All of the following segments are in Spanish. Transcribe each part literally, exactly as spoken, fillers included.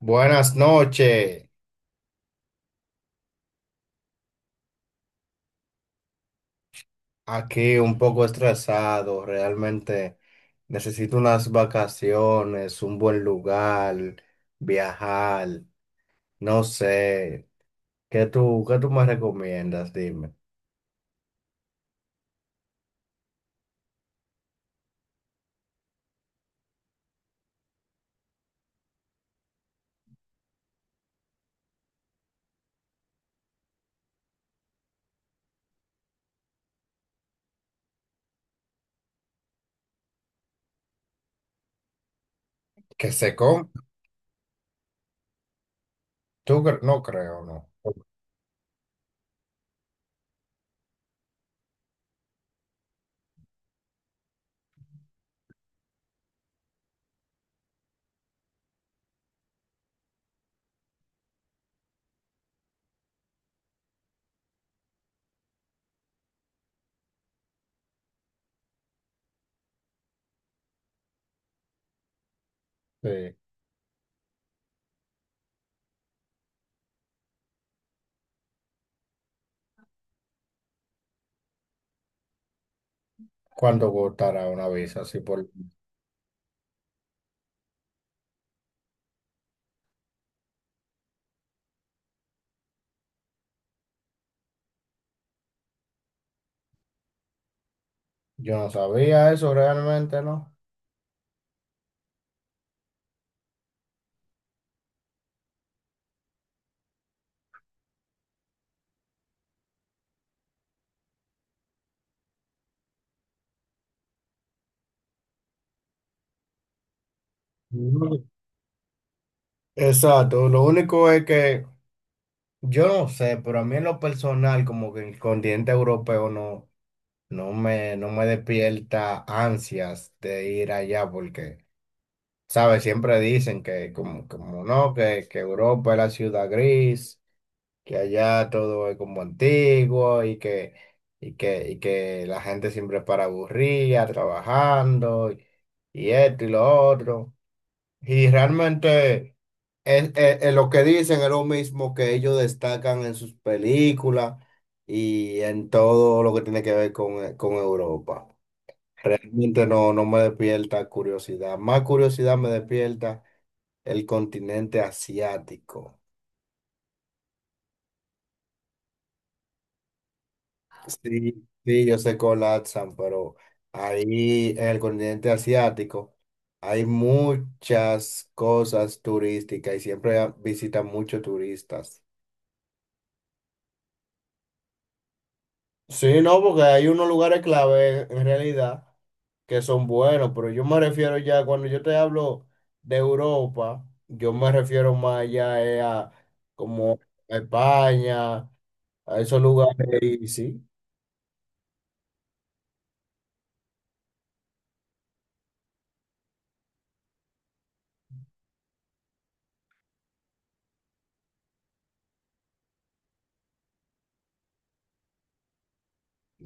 Buenas noches, aquí un poco estresado, realmente necesito unas vacaciones, un buen lugar, viajar, no sé, ¿qué tú, qué tú me recomiendas? Dime. Que se compre, tú cre- no creo, no. Sí. ¿Cuánto costará una visa? Sí, por... Yo no sabía eso realmente, ¿no? No. Exacto, lo único es que yo no sé, pero a mí en lo personal, como que el continente europeo no, no me, no me despierta ansias de ir allá, porque, ¿sabes? Siempre dicen que, como, como no, que, que Europa es la ciudad gris, que allá todo es como antiguo y que, y que, y que la gente siempre para aburrida, trabajando y, y esto y lo otro. Y realmente. En, en- en lo que dicen es lo mismo que ellos destacan en sus películas y en todo lo que tiene que ver con, eh, con Europa. Realmente no, no me despierta curiosidad. Más curiosidad me despierta el continente asiático. Sí, sí, yo sé que colapsan, pero ahí en el continente asiático hay muchas cosas turísticas y siempre visitan muchos turistas. Sí, no, porque hay unos lugares clave en realidad que son buenos, pero yo me refiero ya, cuando yo te hablo de Europa, yo me refiero más ya eh, a como a España, a esos lugares. Y sí,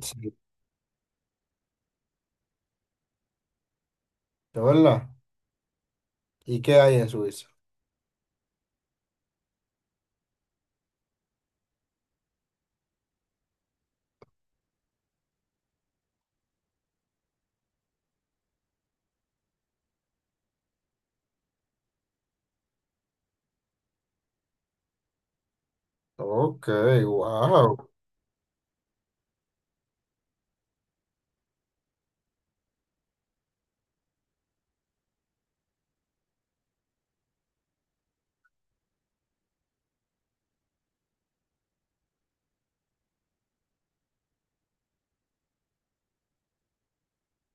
sí, de verdad. ¿Y qué hay en Suiza? Ok, wow.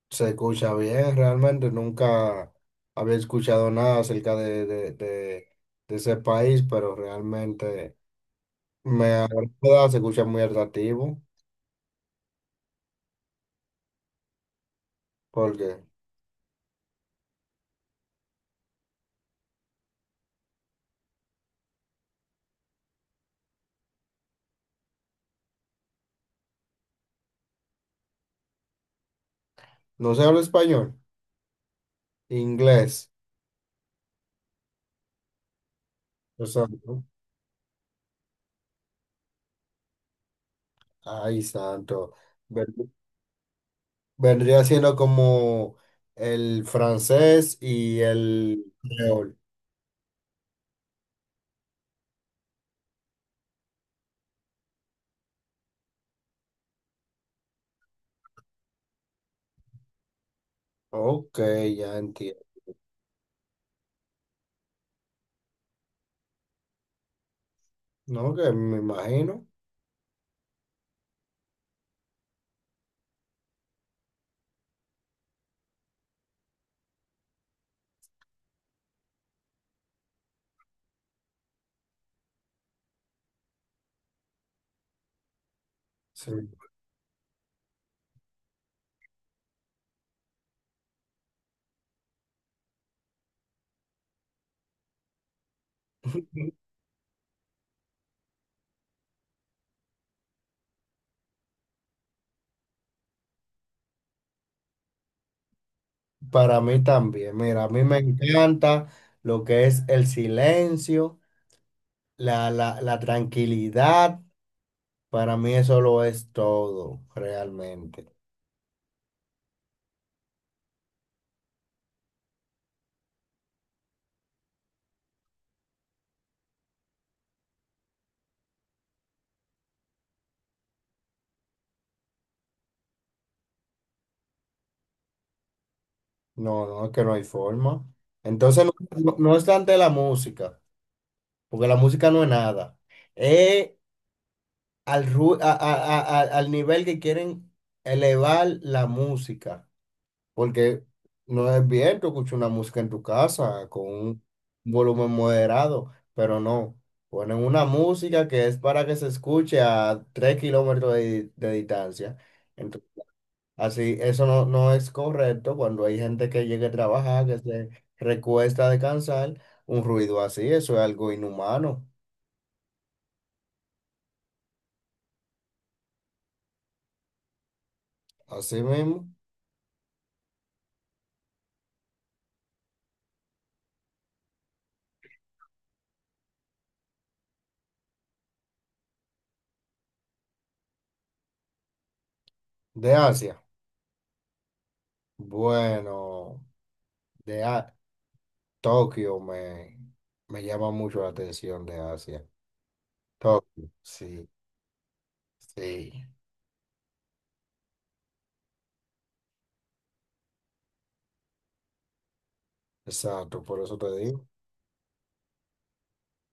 Se escucha bien, realmente nunca había escuchado nada acerca de, de, de de ese país, pero realmente me agrada, se escucha muy atractivo. Porque no se habla español, inglés. O sea, ¿no? Ay, santo. Ven- Vendría siendo como el francés y el creol. Ok, ya entiendo. No, que me imagino. Sí. Para mí también. Mira, a mí me encanta lo que es el silencio, la, la, la tranquilidad. Para mí eso lo es todo, realmente. No, no, es que no hay forma. Entonces, no, no no es tanto la música, porque la música no es nada. Es al, ru- a- a- a- a- al nivel que quieren elevar la música, porque no es bien, tú escuchas una música en tu casa con un volumen moderado, pero no. Ponen una música que es para que se escuche a tres kilómetros de, de distancia. Así, eso no, no es correcto cuando hay gente que llega a trabajar, que se recuesta a descansar, un ruido así, eso es algo inhumano. Así mismo, de Asia. Bueno, de A- Tokio me, me llama mucho la atención de Asia. Tokio, sí, sí, exacto, por eso te digo.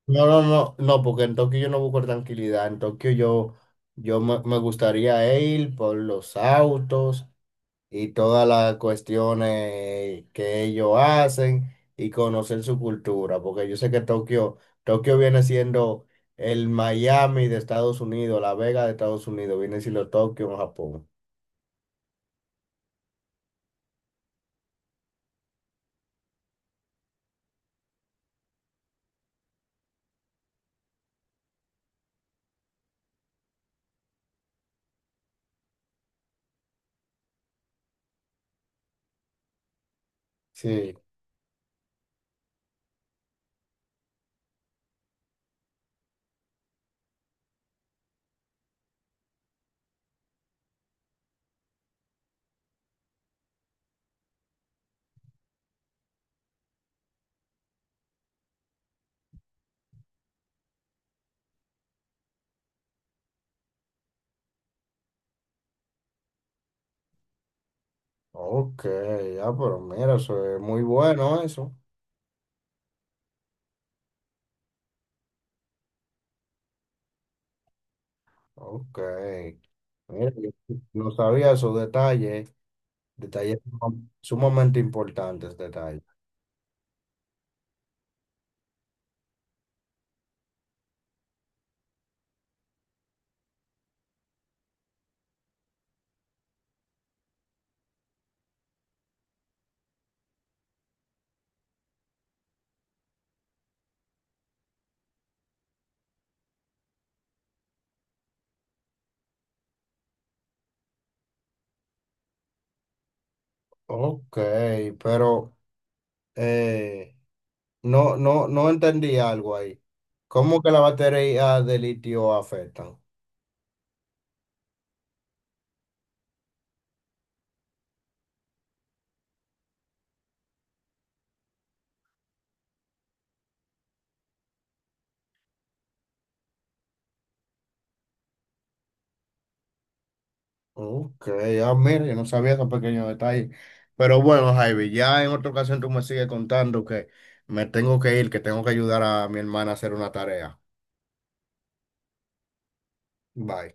No, no, no, no, porque en Tokio yo no busco tranquilidad, en Tokio yo, yo me, me gustaría ir por los autos y todas las cuestiones que ellos hacen y conocer su cultura, porque yo sé que Tokio, Tokio viene siendo el Miami de Estados Unidos, la Vega de Estados Unidos, viene siendo Tokio en Japón. Sí, ok, ya, pero mira, eso es muy bueno eso. Ok, mira, yo no sabía esos detalles, detalles suma- sumamente importantes, detalles. Ok, pero... Eh, no, no, no entendí algo ahí. ¿Cómo que la batería de litio afectan? Ok, ah, mira, yo no sabía esos pequeños detalles. Pero bueno, Javi, ya en otra ocasión tú me sigues contando que me tengo que ir, que tengo que ayudar a mi hermana a hacer una tarea. Bye.